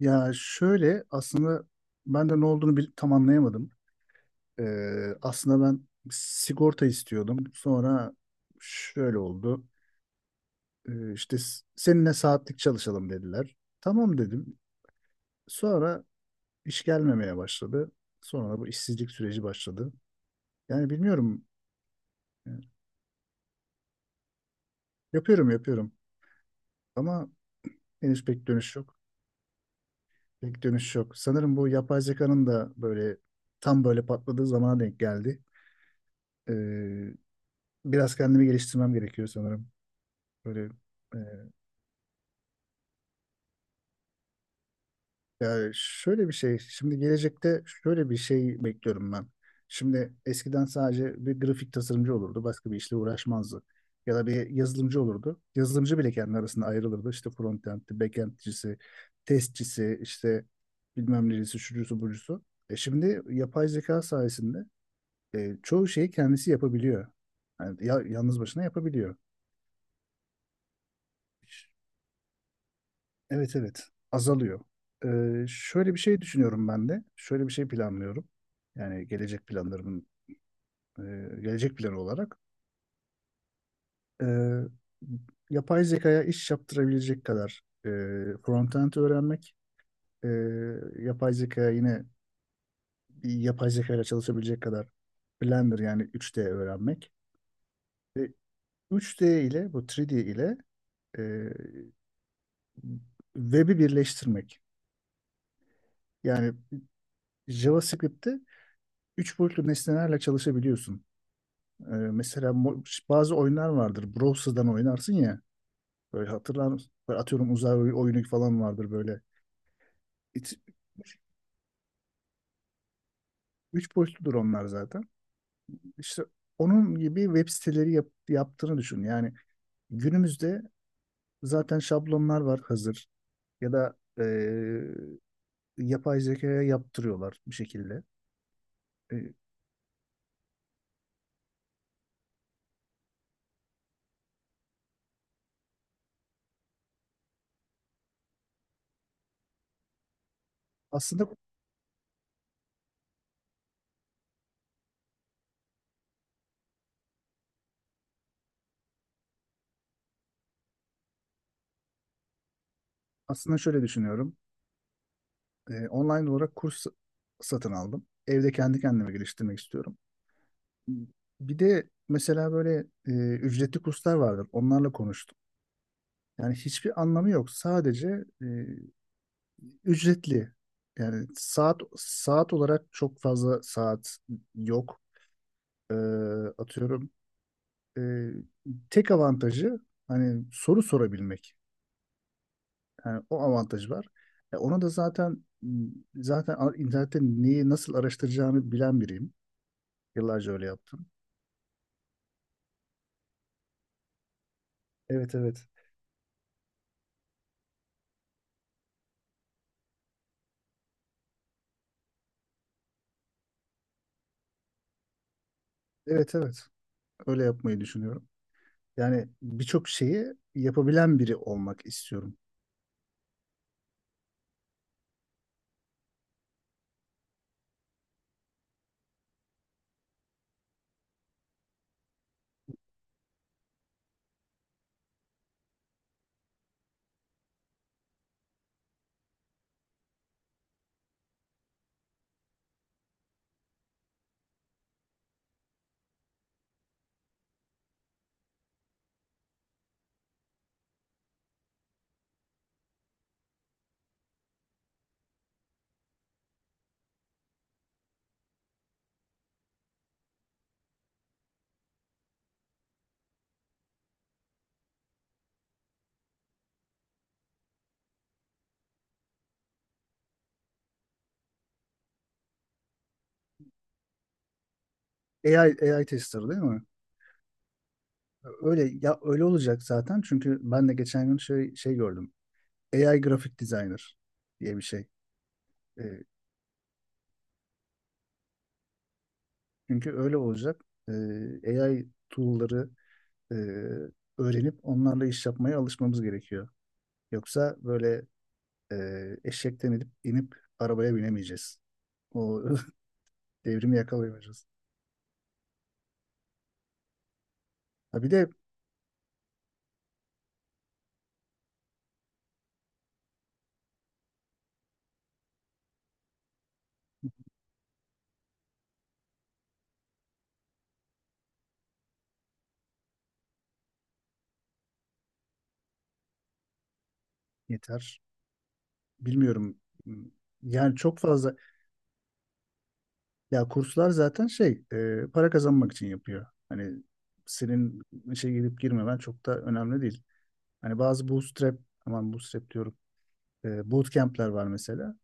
Ya şöyle aslında ben de ne olduğunu tam anlayamadım. Aslında ben sigorta istiyordum. Sonra şöyle oldu. İşte seninle saatlik çalışalım dediler. Tamam dedim. Sonra iş gelmemeye başladı. Sonra da bu işsizlik süreci başladı. Yani bilmiyorum. Ee, Yapıyorum, yapıyorum. Ama henüz pek dönüş yok. Pek dönüş yok. Sanırım bu yapay zekanın da böyle tam böyle patladığı zamana denk geldi. Biraz kendimi geliştirmem gerekiyor sanırım. Böyle e, Ya, şöyle bir şey. Şimdi gelecekte şöyle bir şey bekliyorum ben. Şimdi eskiden sadece bir grafik tasarımcı olurdu. Başka bir işle uğraşmazdı. Ya da bir yazılımcı olurdu. Yazılımcı bile kendi arasında ayrılırdı. İşte frontend'ci, backend'cisi, testçisi, işte bilmem neresi, şucusu, bucusu. Şimdi yapay zeka sayesinde çoğu şeyi kendisi yapabiliyor. Yani yalnız başına yapabiliyor. Evet, evet, azalıyor. Şöyle bir şey düşünüyorum ben de. Şöyle bir şey planlıyorum. Yani e, gelecek planı olarak e, yapay zekaya iş yaptırabilecek kadar frontend öğrenmek, e, yapay zekaya yine bir yapay zeka ile çalışabilecek kadar Blender, yani 3D öğrenmek ve üç d ile bu 3D ile e, web'i birleştirmek. Yani JavaScript'te üç boyutlu nesnelerle çalışabiliyorsun. Mesela bazı oyunlar vardır. Browser'dan oynarsın ya. Böyle hatırlar mısın? Böyle atıyorum uzay oyunu falan vardır böyle. İç- üç üç, boyutludur onlar zaten. İşte onun gibi web siteleri yaptığını düşün. Yani günümüzde zaten şablonlar var hazır. Ya da yapay zekaya yaptırıyorlar bir şekilde. E, Aslında aslında şöyle düşünüyorum. Online olarak kurs satın aldım. Evde kendi kendime geliştirmek istiyorum. Bir de mesela böyle ücretli kurslar vardır. Onlarla konuştum. Yani hiçbir anlamı yok. Sadece ücretli. Yani saat saat olarak çok fazla saat yok. Ee, Atıyorum. e, Tek avantajı hani soru sorabilmek. Yani o avantaj var. Ona da zaten internette neyi nasıl araştıracağını bilen biriyim. Yıllarca öyle yaptım. Evet, evet. Evet, evet. Öyle yapmayı düşünüyorum. Yani birçok şeyi yapabilen biri olmak istiyorum. AI tester değil mi? Öyle ya, öyle olacak zaten, çünkü ben de geçen gün şey gördüm. AI grafik designer diye bir şey. Ee, Çünkü öyle olacak. AI tool'ları e, öğrenip onlarla iş yapmaya alışmamız gerekiyor. Yoksa böyle eşekten inip arabaya binemeyeceğiz. O devrimi yakalayamayacağız. Ha, bir de. Yeter. Bilmiyorum. Yani çok fazla. Ya, kurslar zaten para kazanmak için yapıyor. Hani senin işe girip girmemen çok da önemli değil. Hani bazı bootstrap, aman, bootstrap diyorum. Bootcamp'ler var mesela.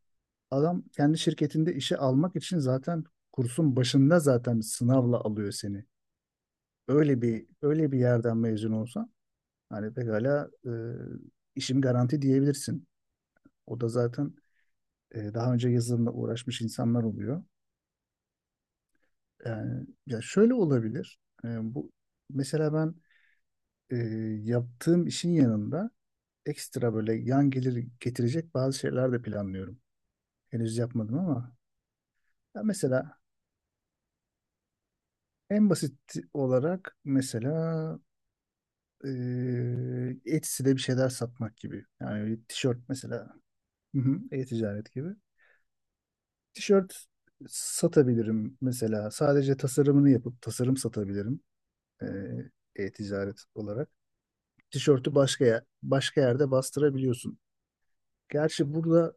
Adam kendi şirketinde işe almak için zaten kursun başında zaten sınavla alıyor seni. Öyle bir yerden mezun olsan. Hani pekala işim garanti diyebilirsin. O da zaten daha önce yazılımla uğraşmış insanlar oluyor. Yani ya, şöyle olabilir. E, Bu, mesela ben e, yaptığım işin yanında ekstra böyle yan gelir getirecek bazı şeyler de planlıyorum. Henüz yapmadım ama ya, mesela en basit olarak mesela e, Etsy'de bir şeyler satmak gibi. Yani bir tişört mesela. Hı hı, e-ticaret gibi. Tişört satabilirim mesela. Sadece tasarımını yapıp tasarım satabilirim e, e-ticaret olarak. Tişörtü başka yerde bastırabiliyorsun. Gerçi burada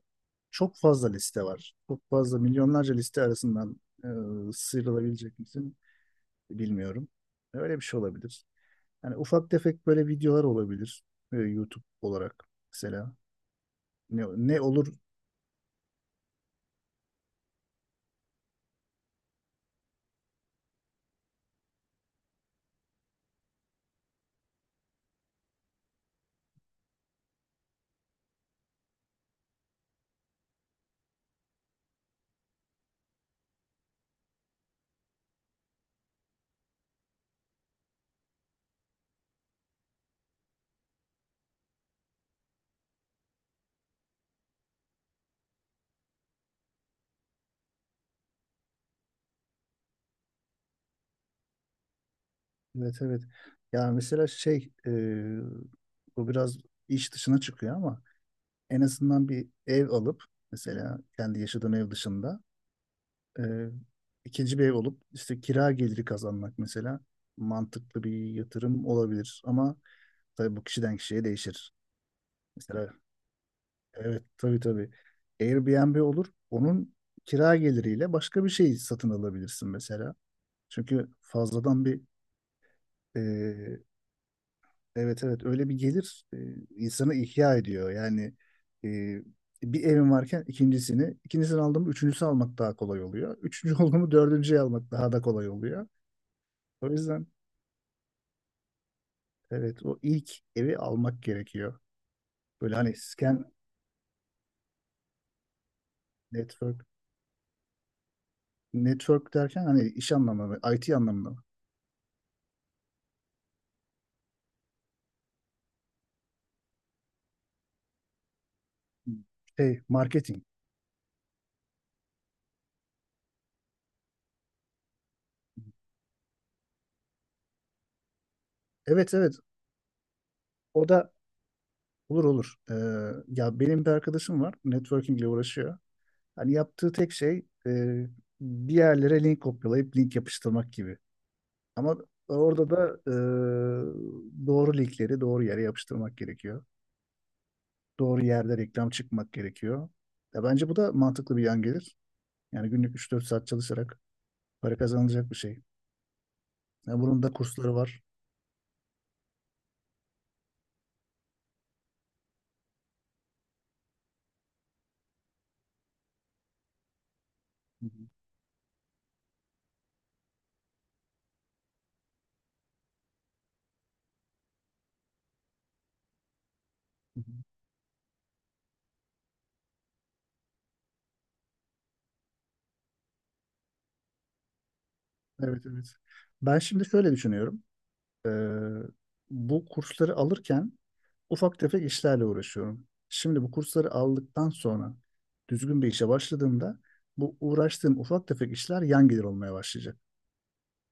çok fazla liste var. Çok fazla milyonlarca liste arasından sıyrılabilecek misin bilmiyorum. Öyle bir şey olabilir. Yani ufak tefek böyle videolar olabilir YouTube olarak mesela. Ne, ne olur Evet, evet. Yani mesela bu biraz iş dışına çıkıyor, ama en azından bir ev alıp mesela kendi yaşadığım ev dışında e, ikinci bir ev olup işte kira geliri kazanmak mesela mantıklı bir yatırım olabilir, ama tabii bu kişiden kişiye değişir. Mesela evet, tabii, tabii, Airbnb olur, onun kira geliriyle başka bir şey satın alabilirsin mesela. Çünkü fazladan bir Evet, evet, öyle bir gelir insanı ihya ediyor. Yani e, bir evim varken ikincisini aldım, üçüncüsü almak daha kolay oluyor. Üçüncü oldu mu dördüncüyü almak daha da kolay oluyor. O yüzden evet, o ilk evi almak gerekiyor. Böyle hani scan network network derken hani iş anlamında, IT anlamında marketing. Evet, evet, o da olur, olur. Ya, benim bir arkadaşım var, networking ile uğraşıyor. Hani yaptığı tek şey bir yerlere link kopyalayıp link yapıştırmak gibi. Ama orada da doğru linkleri doğru yere yapıştırmak gerekiyor. Doğru yerde reklam çıkmak gerekiyor. Ya bence bu da mantıklı bir yan gelir. Yani günlük 3-4 saat çalışarak para kazanılacak bir şey. Ya bunun da kursları var. Hı hı, hı hı. Evet, evet. Ben şimdi şöyle düşünüyorum. E, Bu kursları alırken ufak tefek işlerle uğraşıyorum. Şimdi bu kursları aldıktan sonra düzgün bir işe başladığımda bu uğraştığım ufak tefek işler yan gelir olmaya başlayacak.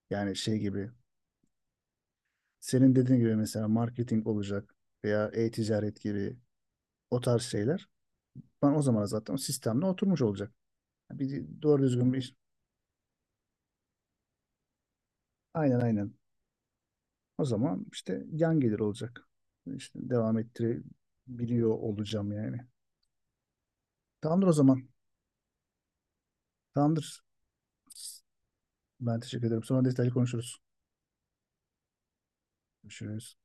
Yani şey gibi senin dediğin gibi mesela marketing olacak veya e-ticaret gibi o tarz şeyler. Ben o zaman zaten o sistemle oturmuş olacak. Bir doğru düzgün bir iş. Aynen, aynen. O zaman işte yan gelir olacak. İşte devam ettirebiliyor olacağım yani. Tamamdır o zaman. Tamamdır. Ben teşekkür ederim. Sonra detaylı konuşuruz. Görüşürüz.